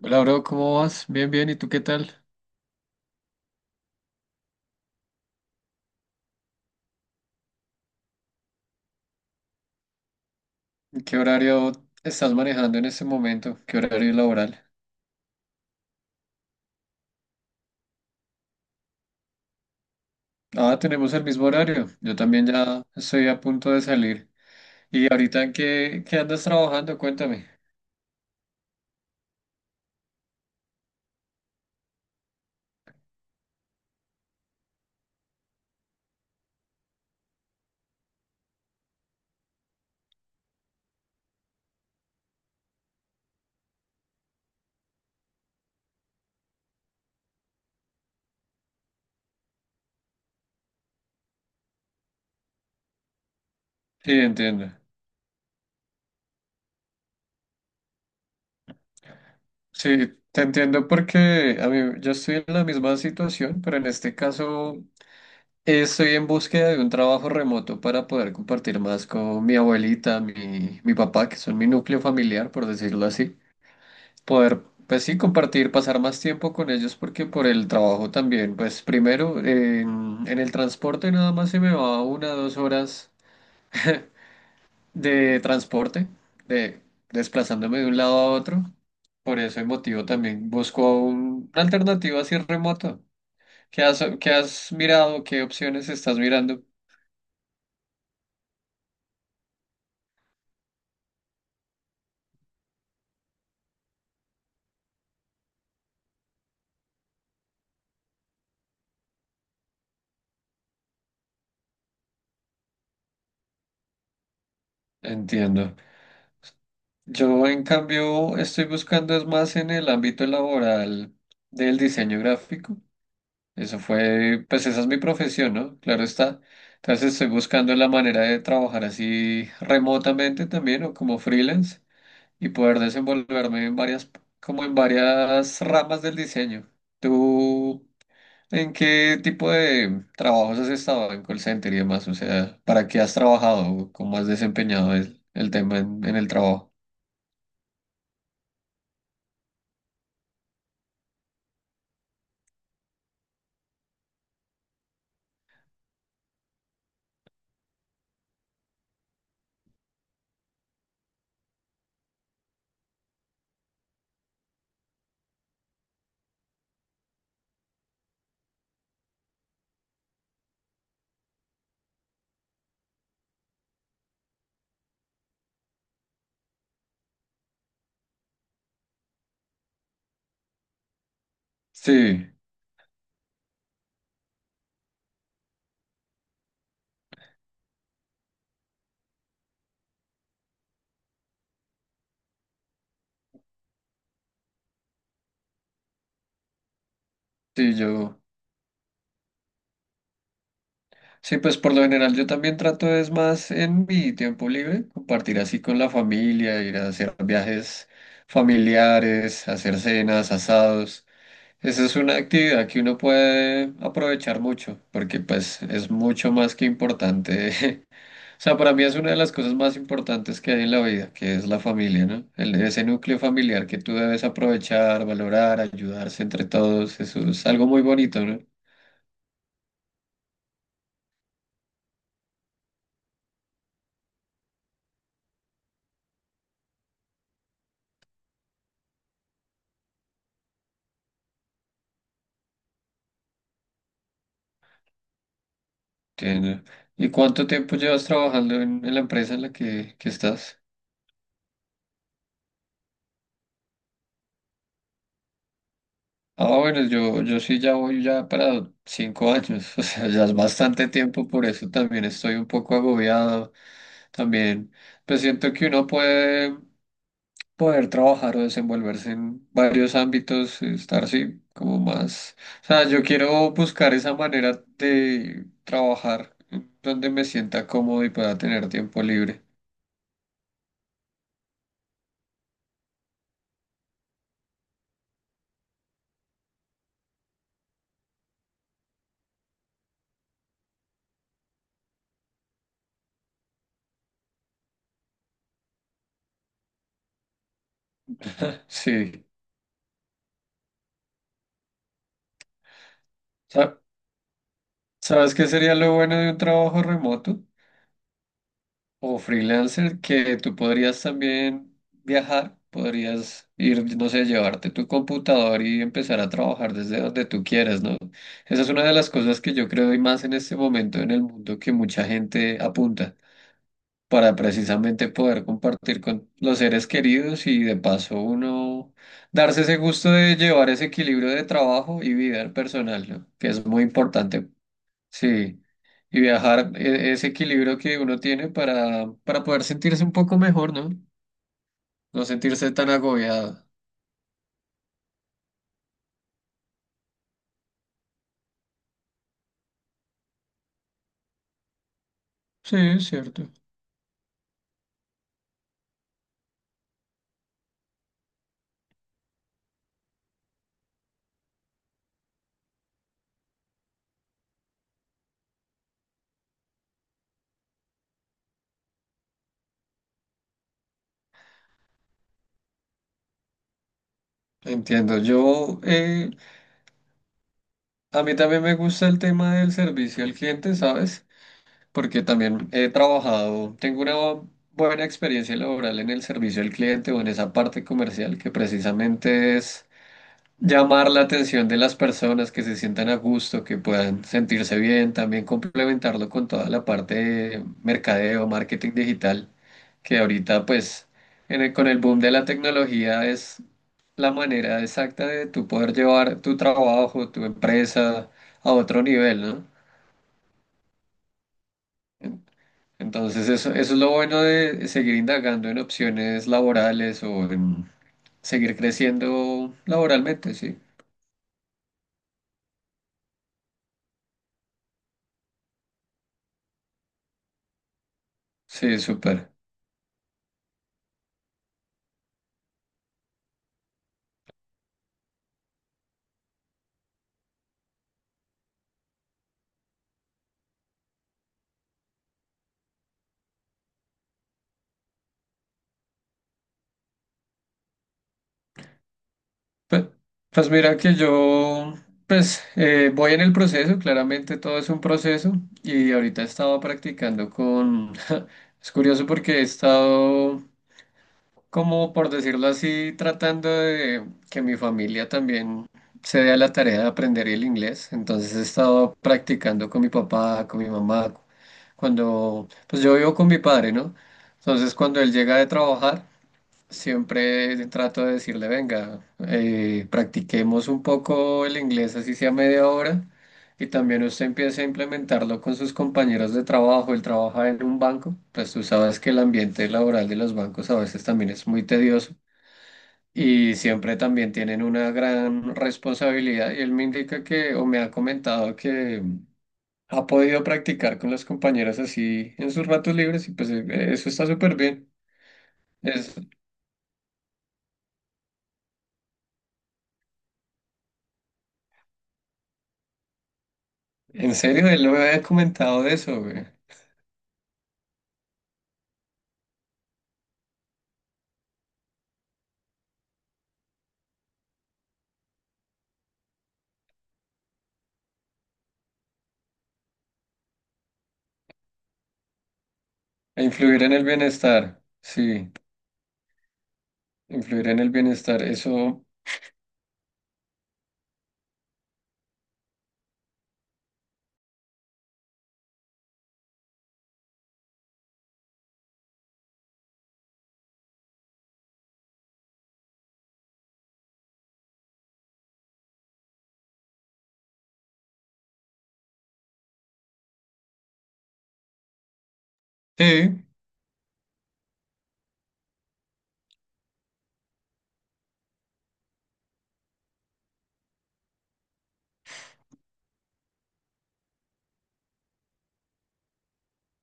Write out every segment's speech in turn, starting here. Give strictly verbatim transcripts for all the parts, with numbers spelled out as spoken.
Hola, bro, ¿cómo vas? Bien, bien, ¿y tú qué tal? ¿Qué horario estás manejando en este momento? ¿Qué horario laboral? Ah, tenemos el mismo horario. Yo también ya estoy a punto de salir. ¿Y ahorita en qué, qué andas trabajando? Cuéntame. Sí, entiendo. Sí, te entiendo porque a mí, yo estoy en la misma situación, pero en este caso estoy en búsqueda de un trabajo remoto para poder compartir más con mi abuelita, mi, mi papá, que son mi núcleo familiar, por decirlo así. Poder, pues sí, compartir, pasar más tiempo con ellos porque por el trabajo también, pues primero en, en el transporte nada más se me va una dos horas de transporte, de desplazándome de un lado a otro. Por ese motivo también busco un- una alternativa así remota. ¿Qué has, qué has mirado? ¿Qué opciones estás mirando? Entiendo. Yo en cambio estoy buscando es más en el ámbito laboral del diseño gráfico. Eso fue, pues esa es mi profesión, ¿no? Claro está. Entonces estoy buscando la manera de trabajar así remotamente también o como freelance y poder desenvolverme en varias, como en varias ramas del diseño. ¿Tú en qué tipo de trabajos has estado en call center y demás? O sea, ¿para qué has trabajado? ¿Cómo has desempeñado el, el tema en, en el trabajo? Sí, sí, yo. Sí, pues por lo general yo también trato es más en mi tiempo libre, compartir así con la familia, ir a hacer viajes familiares, hacer cenas, asados. Esa es una actividad que uno puede aprovechar mucho, porque pues es mucho más que importante. O sea, para mí es una de las cosas más importantes que hay en la vida, que es la familia, ¿no? El- ese núcleo familiar que tú debes aprovechar, valorar, ayudarse entre todos, eso es algo muy bonito, ¿no? Entiendo. ¿Y cuánto tiempo llevas trabajando en, en la empresa en la que, que estás? Ah, bueno, yo, yo sí ya voy ya para cinco años, o sea, ya es bastante tiempo, por eso también estoy un poco agobiado. También, pues siento que uno puede poder trabajar o desenvolverse en varios ámbitos, estar así como más. O sea, yo quiero buscar esa manera de trabajar donde me sienta cómodo y pueda tener tiempo libre. Sí. ¿Sabes qué sería lo bueno de un trabajo remoto o freelancer? Que tú podrías también viajar, podrías ir, no sé, llevarte tu computador y empezar a trabajar desde donde tú quieras, ¿no? Esa es una de las cosas que yo creo y más en este momento en el mundo que mucha gente apunta para precisamente poder compartir con los seres queridos y de paso uno darse ese gusto de llevar ese equilibrio de trabajo y vida personal, ¿no? Que es muy importante. Sí. Y viajar, e- ese equilibrio que uno tiene para, para poder sentirse un poco mejor, ¿no? No sentirse tan agobiado. Sí, es cierto. Entiendo. Yo, eh, a mí también me gusta el tema del servicio al cliente, ¿sabes? Porque también he trabajado, tengo una buena experiencia laboral en el servicio al cliente o en esa parte comercial que precisamente es llamar la atención de las personas, que se sientan a gusto, que puedan sentirse bien, también complementarlo con toda la parte de mercadeo, marketing digital, que ahorita pues en el- con el boom de la tecnología es la manera exacta de tú poder llevar tu trabajo, tu empresa a otro nivel, ¿no? En- Entonces eso, eso es lo bueno de seguir indagando en opciones laborales o en seguir creciendo laboralmente, sí. Sí, súper. Pues, pues mira que yo, pues eh, voy en el proceso, claramente todo es un proceso y ahorita he estado practicando con, es curioso porque he estado como por decirlo así, tratando de que mi familia también se dé a la tarea de aprender el inglés, entonces he estado practicando con mi papá, con mi mamá, cuando, pues yo vivo con mi padre, ¿no? Entonces cuando él llega de trabajar, siempre trato de decirle, venga, eh, practiquemos un poco el inglés, así sea media hora, y también usted empiece a implementarlo con sus compañeros de trabajo. Él trabaja en un banco, pues tú sabes que el ambiente laboral de los bancos a veces también es muy tedioso y siempre también tienen una gran responsabilidad. Y él me indica que, o me ha comentado que ha podido practicar con los compañeros así en sus ratos libres, y pues eh, eso está súper bien. En serio, él no me había comentado de eso, güey. E influir en el bienestar. Sí, influir en el bienestar. Eso, sí,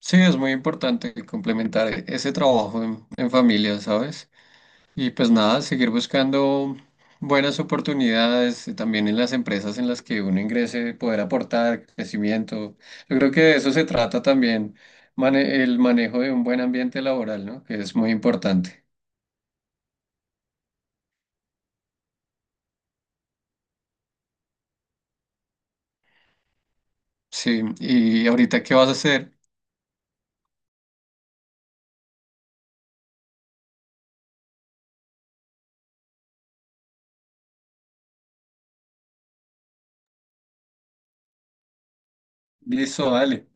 sí, es muy importante complementar e- ese trabajo en, en familia, ¿sabes? Y pues nada, seguir buscando buenas oportunidades eh, también en las empresas en las que uno ingrese, poder aportar crecimiento. Yo creo que de eso se trata también, mane- el manejo de un buen ambiente laboral, ¿no? Que es muy importante. Sí, y ahorita, ¿qué vas a hacer? Listo, dale.